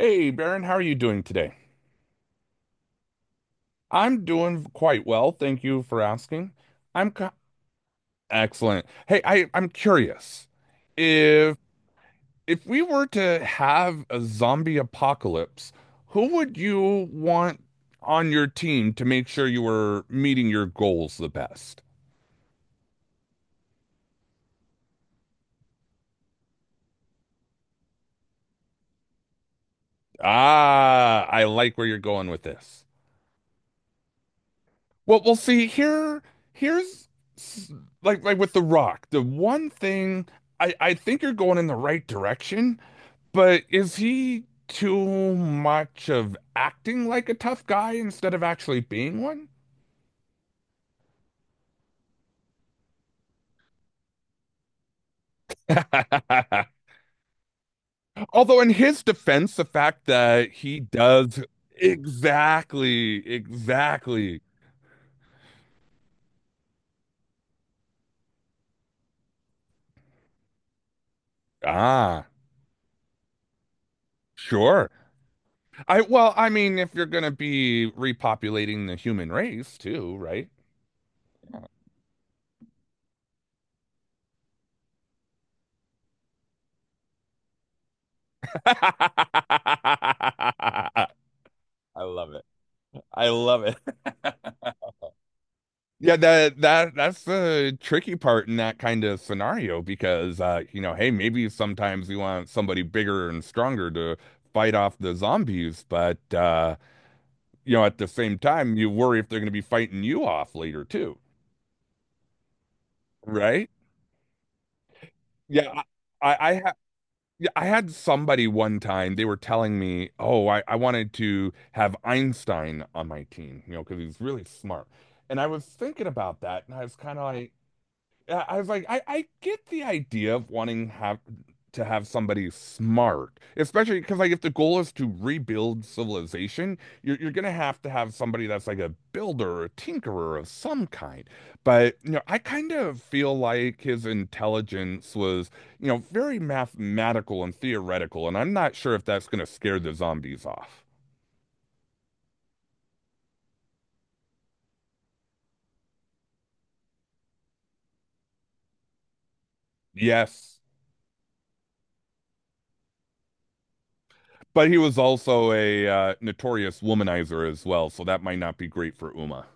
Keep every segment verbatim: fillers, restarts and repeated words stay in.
Hey, Baron, how are you doing today? I'm doing quite well, thank you for asking. I'm co- Excellent. Hey, I, I'm curious. If if we were to have a zombie apocalypse, who would you want on your team to make sure you were meeting your goals the best? Ah, I like where you're going with this. Well, we'll see. Here, here's s- like like with The Rock, the one thing I I think you're going in the right direction. But is he too much of acting like a tough guy instead of actually being one? Although, in his defense, the fact that he does exactly, exactly. Ah, sure. I, well, I mean, if you're gonna be repopulating the human race too, right? I love it. I love it. Yeah, that that that's the tricky part in that kind of scenario because uh, you know, hey, maybe sometimes you want somebody bigger and stronger to fight off the zombies, but uh, you know, at the same time, you worry if they're going to be fighting you off later too, right? Yeah, I I, I ha yeah, I had somebody one time, they were telling me, "Oh, I I wanted to have Einstein on my team, you know, because he's really smart." And I was thinking about that, and I was kind of like I I was like, I, I get the idea of wanting have to have somebody smart, especially because like if the goal is to rebuild civilization, you're you're gonna have to have somebody that's like a builder or a tinkerer of some kind. But you know, I kind of feel like his intelligence was, you know, very mathematical and theoretical, and I'm not sure if that's gonna scare the zombies off. Yes. But he was also a uh, notorious womanizer as well, so that might not be great for Uma.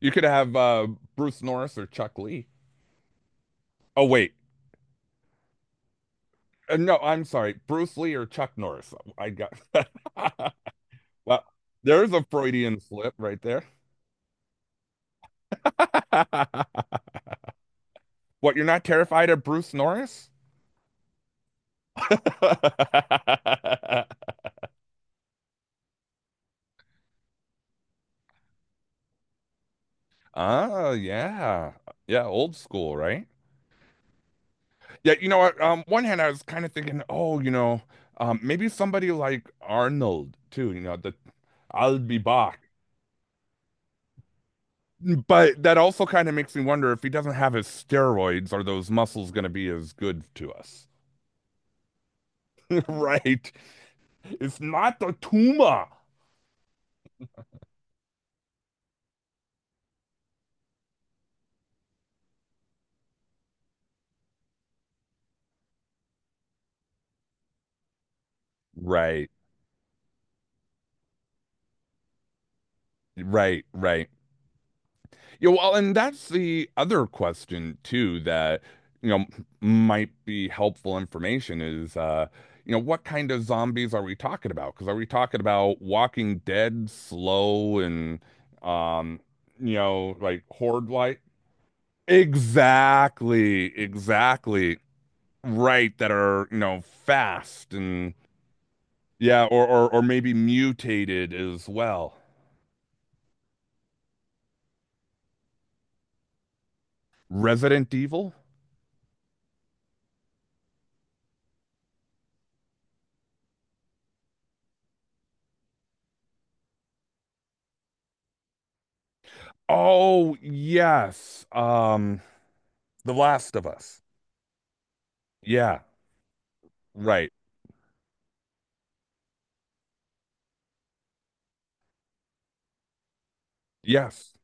You could have uh, Bruce Norris or Chuck Lee. Oh wait, uh, no, I'm sorry, Bruce Lee or Chuck Norris. I got well. There's a Freudian slip right there. what, you're not terrified of Bruce Norris? Oh, yeah. Yeah, old school, right? Yeah, you know what? Um, one hand, I was kind of thinking, oh, you know, um, maybe somebody like Arnold too. You know, the I'll be back. But that also kind of makes me wonder if he doesn't have his steroids, are those muscles going to be as good to us? right? It's not the tumor. Right, right, right. Yeah, well, and that's the other question too that, you know, might be helpful information is, uh, you know, what kind of zombies are we talking about? Because are we talking about Walking Dead, slow and, um, you know, like horde like? Exactly, exactly. Right, that are, you know, fast and yeah, or or, or maybe mutated as well. Resident Evil. Oh yes, um the last of us. Yeah. Right. Yes.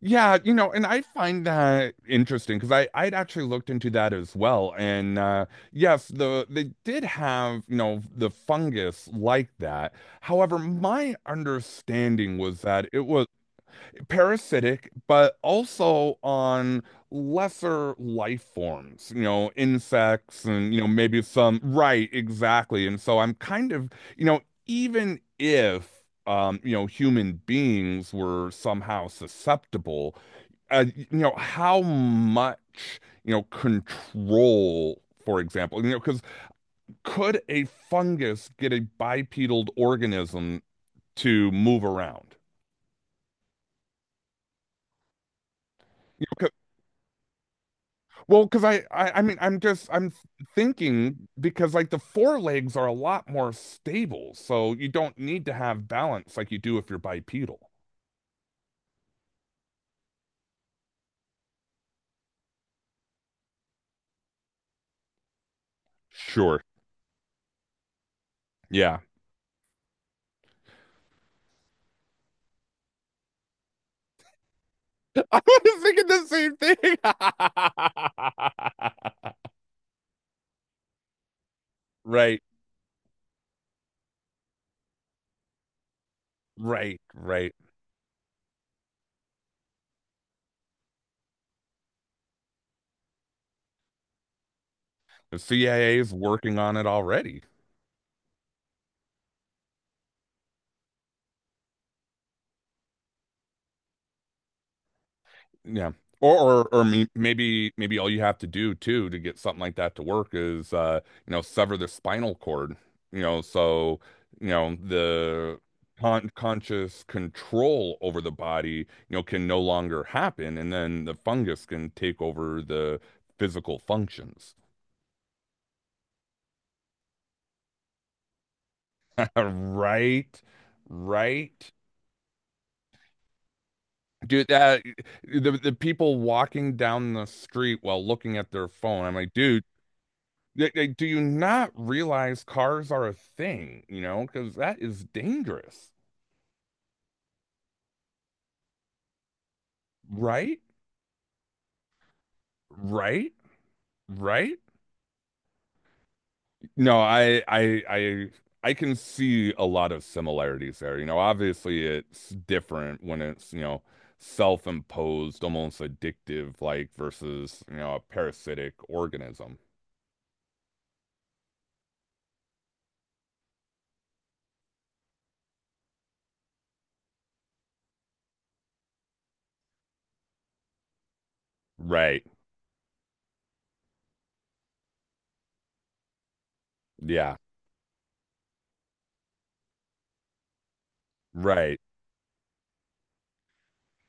Yeah, you know, and I find that interesting because i i'd actually looked into that as well, and uh yes, the they did have, you know, the fungus like that. However, my understanding was that it was parasitic, but also on lesser life forms, you know, insects and, you know, maybe some, right, exactly. And so I'm kind of, you know, even if Um, you know, human beings were somehow susceptible. Uh, you know, how much, you know, control, for example, you know, because could a fungus get a bipedal organism to move around? Well, because I, I, I mean, I'm just, I'm thinking because like the forelegs are a lot more stable, so you don't need to have balance like you do if you're bipedal. Sure. Yeah. I was thinking the same thing. Right, right, right. The C I A is working on it already. Yeah. Or, or or me- maybe maybe all you have to do too to get something like that to work is uh you know, sever the spinal cord, you know, so you know the con conscious control over the body, you know, can no longer happen, and then the fungus can take over the physical functions. right. Right. Dude, that, the the people walking down the street while looking at their phone, I'm like, dude, Like, like, do you not realize cars are a thing, you know? Because that is dangerous, right? Right? Right? No, I, I, I, I can see a lot of similarities there. You know, obviously it's different when it's, you know, self-imposed, almost addictive, like versus, you know, a parasitic organism. Right. Yeah. Right.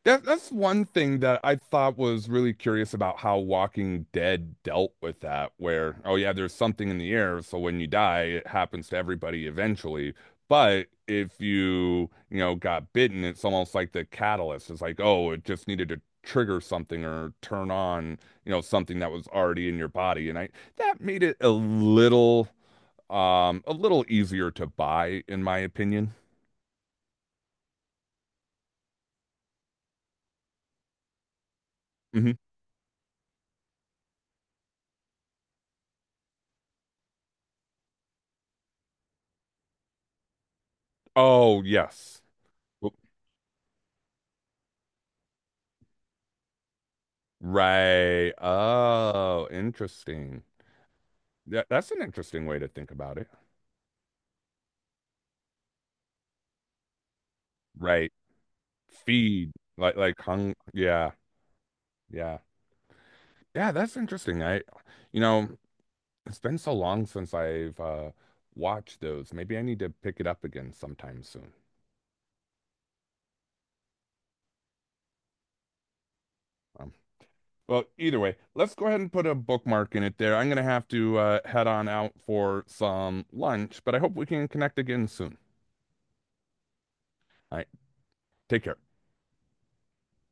That that's one thing that I thought was really curious about how Walking Dead dealt with that, where, oh yeah, there's something in the air, so when you die, it happens to everybody eventually. But if you, you know, got bitten, it's almost like the catalyst. It's like, oh, it just needed to trigger something or turn on, you know, something that was already in your body. And I that made it a little um a little easier to buy, in my opinion. Hmm. Oh, yes. Right. Oh, interesting. Yeah, that's an interesting way to think about it. Right. Feed. Like like hung yeah. Yeah. Yeah, that's interesting. I you know, it's been so long since I've uh watched those. Maybe I need to pick it up again sometime soon. Um, well, either way, let's go ahead and put a bookmark in it there. I'm gonna have to uh head on out for some lunch, but I hope we can connect again soon. All right. Take care.